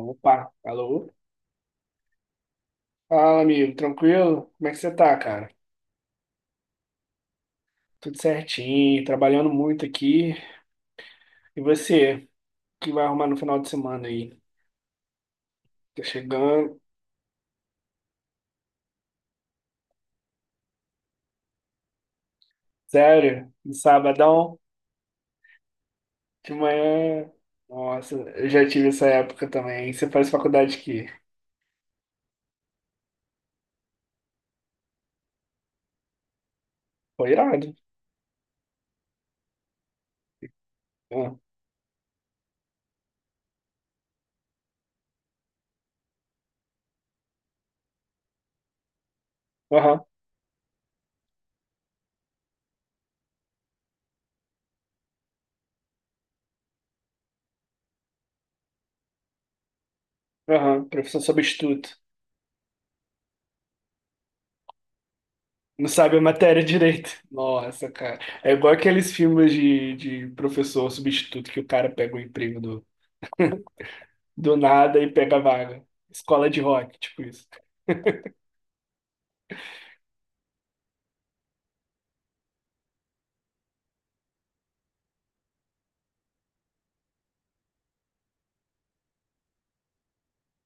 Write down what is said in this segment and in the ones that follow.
Opa, alô? Fala, amigo, tranquilo? Como é que você tá, cara? Tudo certinho, trabalhando muito aqui. E você, o que vai arrumar no final de semana aí? Tá chegando? Sério? No sabadão? De manhã? Nossa, eu já tive essa época também. Você faz faculdade aqui? Foi irado. Ah, aham, aham, professor substituto. Não sabe a matéria direito. Nossa, cara. É igual aqueles filmes de professor substituto que o cara pega o emprego do. Do nada e pega a vaga. Escola de rock, tipo isso.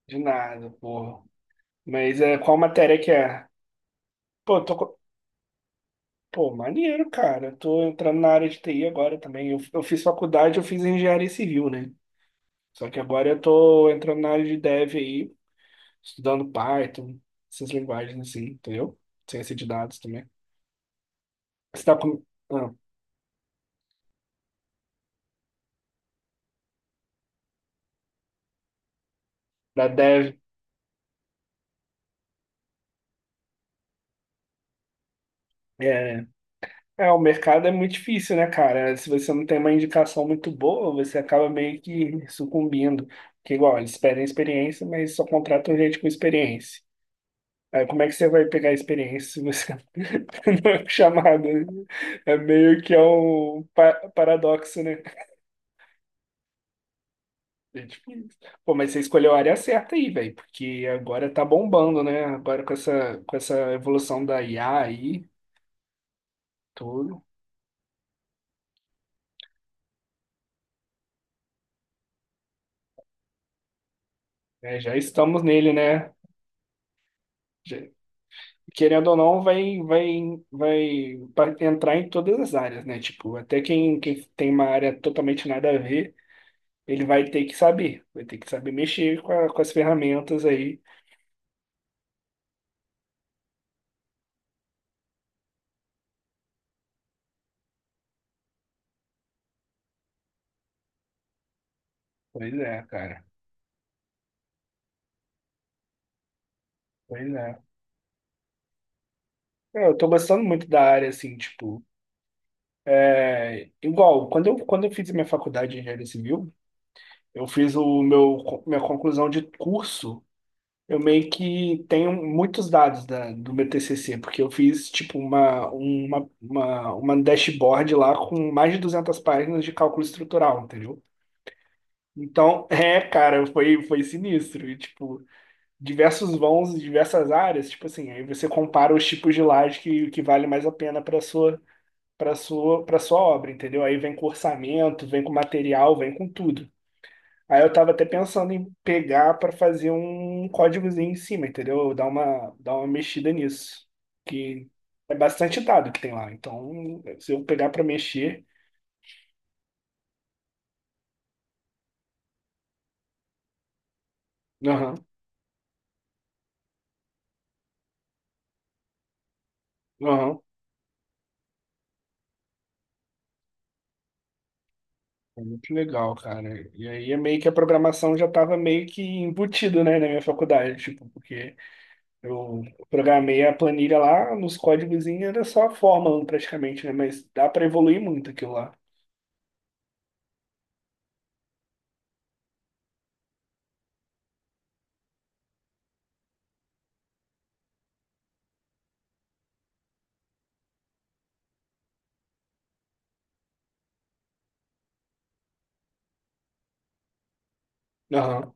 De nada, porra. Mas é, qual matéria que é? Pô, pô, maneiro, cara. Eu tô entrando na área de TI agora também. Eu fiz faculdade, eu fiz engenharia civil, né? Só que agora eu tô entrando na área de dev aí, estudando Python, essas linguagens assim, entendeu? Ciência de dados também. Você tá com... Ah, da dev. é, É, o mercado é muito difícil, né, cara? Se você não tem uma indicação muito boa, você acaba meio que sucumbindo. Porque, igual, eles pedem experiência, mas só contratam gente com experiência. Aí, como é que você vai pegar experiência se você não é chamado? É meio que é um paradoxo, né? É difícil. Pô, mas você escolheu a área certa aí, velho, porque agora tá bombando, né? Agora com essa evolução da IA aí, tudo. Né? Já estamos nele, né? Querendo ou não, vai entrar em todas as áreas, né? Tipo, até quem tem uma área totalmente nada a ver, ele vai ter que saber mexer com as ferramentas aí. Pois é, cara. Pois é. É, eu tô gostando muito da área, assim, tipo, é, igual, quando eu fiz a minha faculdade de engenharia civil, eu fiz minha conclusão de curso. Eu meio que tenho muitos dados do meu TCC, porque eu fiz tipo uma dashboard lá com mais de 200 páginas de cálculo estrutural, entendeu? Então, é, cara, foi sinistro. E, tipo, diversos vãos, em diversas áreas, tipo assim, aí você compara os tipos de laje que vale mais a pena para sua obra, entendeu? Aí vem com orçamento, vem com material, vem com tudo. Aí eu tava até pensando em pegar pra fazer um códigozinho em cima, entendeu? Dar uma mexida nisso. Que é bastante dado que tem lá. Então, se eu pegar pra mexer. Aham, aham. É muito legal, cara. E aí é meio que a programação já tava meio que embutido, né, na minha faculdade, tipo, porque eu programei a planilha lá, nos códigozinhos era só fórmula praticamente, né? Mas dá para evoluir muito aquilo lá. Aham.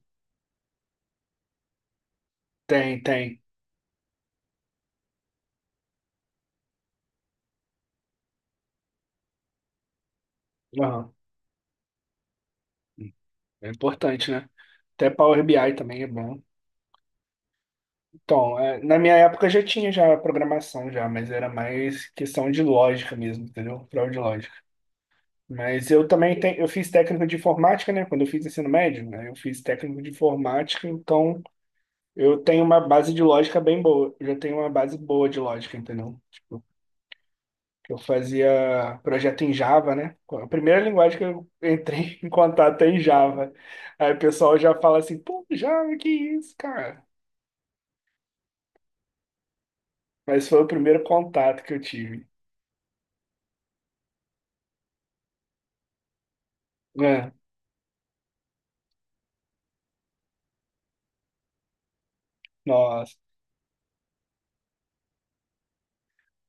Tem, tem. Aham. É importante, né? Até Power BI também é bom. Então, é, na minha época já tinha já programação já, mas era mais questão de lógica mesmo, entendeu? Prova de lógica. Mas eu também tenho, eu fiz técnico de informática, né? Quando eu fiz ensino médio, né? Eu fiz técnico de informática, então eu tenho uma base de lógica bem boa. Eu já tenho uma base boa de lógica, entendeu? Tipo, eu fazia projeto em Java, né? A primeira linguagem que eu entrei em contato é em Java. Aí o pessoal já fala assim, pô, Java, que isso, cara? Mas foi o primeiro contato que eu tive. É, nossa.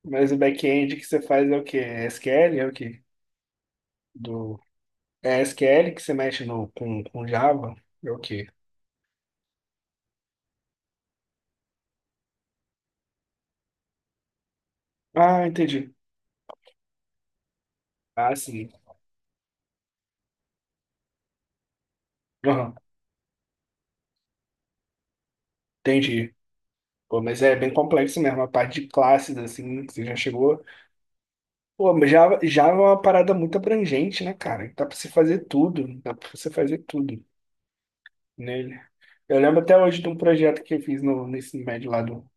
Mas o back-end que você faz é o quê? É SQL? É o quê? Do... É SQL que você mexe no, com Java? É o quê? Ah, entendi. Ah, sim. Aham, entendi. Pô, mas é bem complexo mesmo, a parte de classes, assim, que você já chegou. Pô, mas Java, Java é uma parada muito abrangente, né, cara? Dá pra você fazer tudo. Dá pra você fazer tudo nele. Eu lembro até hoje de um projeto que eu fiz no ensino médio lá do. O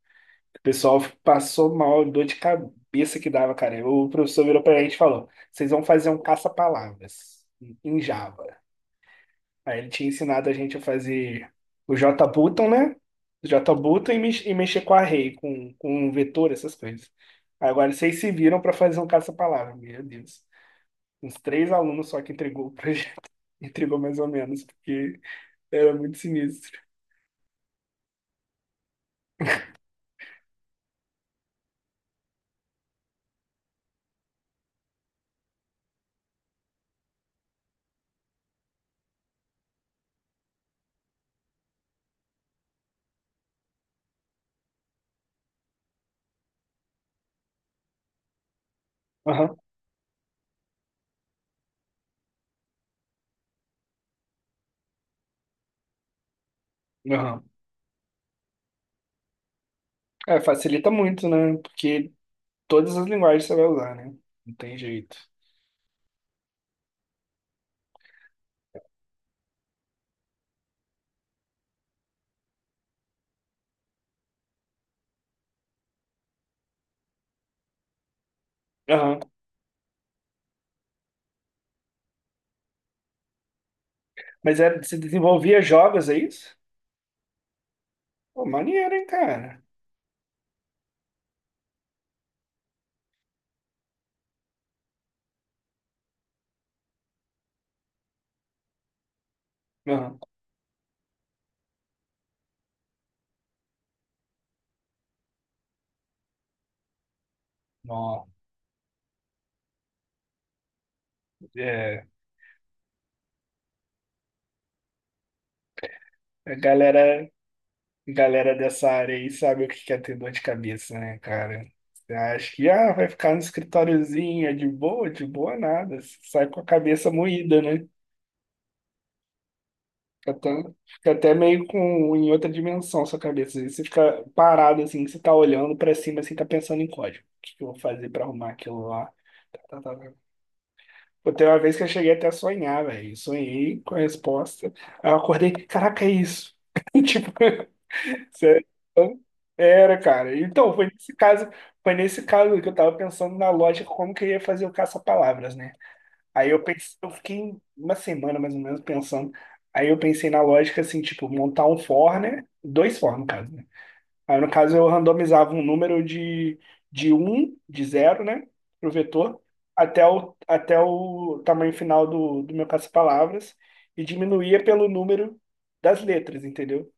pessoal passou mal, dor de cabeça que dava, cara. O professor virou pra gente e falou: vocês vão fazer um caça-palavras em Java. Aí ele tinha ensinado a gente a fazer o JButton, né? JButton e mexer com array, com um vetor, essas coisas. Agora vocês se viram pra fazer um caça-palavra, meu Deus. Uns três alunos só que entregou o projeto, entregou mais ou menos, porque era muito sinistro. Aham, aham. É, facilita muito, né? Porque todas as linguagens você vai usar, né? Não tem jeito. Aham. Mas é, você desenvolvia jogos, é isso? Pô, maneiro, hein, cara? Aham. Ó, é, a galera, a galera dessa área aí sabe o que quer ter dor de cabeça, né, cara? Você acha que ah, vai ficar no escritóriozinho, é de boa nada. Você sai com a cabeça moída, né? Fica até, fica até meio com em outra dimensão sua cabeça. Às vezes você fica parado assim, você tá olhando pra cima assim, tá pensando em código. O que que eu vou fazer pra arrumar aquilo lá? Tá, tá, tá. Pô, teve uma vez que eu cheguei até a sonhar, velho. Sonhei com a resposta. Aí eu acordei, caraca, é isso. Tipo, sério. Era, cara. Então, foi nesse caso, que eu tava pensando na lógica como que eu ia fazer o caça-palavras, né? Aí eu pensei, eu fiquei uma semana mais ou menos pensando. Aí eu pensei na lógica assim, tipo, montar um for, né? Dois for, no caso, né? Aí no caso eu randomizava um número de um de zero, né? Pro vetor, até o tamanho final do meu caça-palavras e diminuía pelo número das letras, entendeu?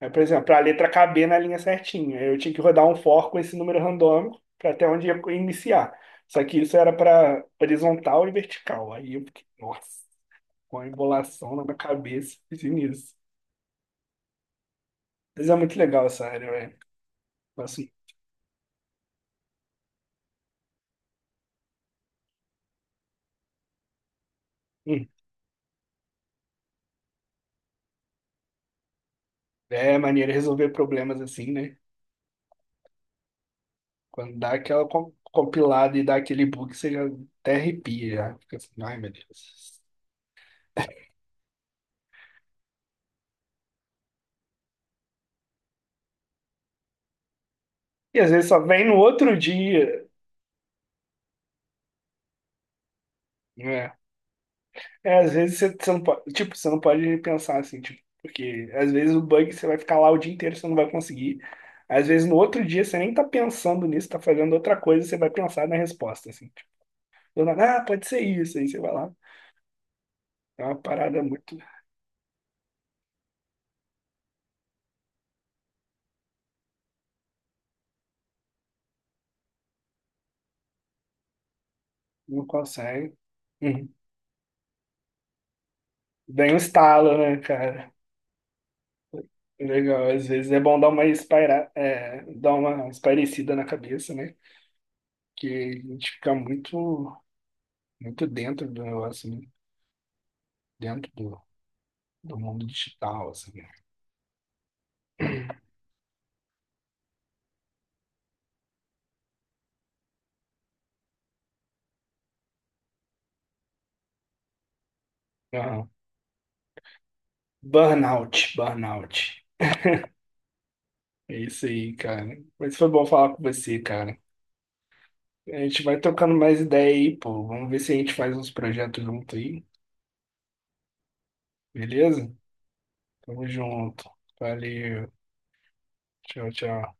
Aí, por exemplo, para a letra caber na linha certinha, eu tinha que rodar um for com esse número randômico para até onde ia iniciar. Só que isso era para horizontal e vertical. Aí eu fiquei, nossa, com a embolação na minha cabeça, fiz nisso. Mas é muito legal essa área, velho. Assim, hum, é maneira de resolver problemas assim, né? Quando dá aquela compilada e dá aquele bug, você já até arrepia, já. Fica assim, ai meu Deus. E às vezes só vem no outro dia, né? É, às vezes você não pode, tipo, você não pode pensar assim, tipo, porque às vezes o bug você vai ficar lá o dia inteiro, você não vai conseguir. Às vezes no outro dia você nem tá pensando nisso, tá fazendo outra coisa, você vai pensar na resposta, assim. Tipo, do nada, ah, pode ser isso, aí você vai lá. É uma parada muito, não consegue. Uhum. Bem um estalo, né, cara? Legal, às vezes é bom dar uma dar uma espairecida na cabeça, né? Que a gente fica muito, muito dentro do negócio, né? Dentro do mundo digital, assim, né? Aham. Burnout, burnout. É isso aí, cara. Mas foi bom falar com você, cara. A gente vai trocando mais ideia aí, pô. Vamos ver se a gente faz uns projetos junto aí, beleza? Tamo junto. Valeu. Tchau, tchau.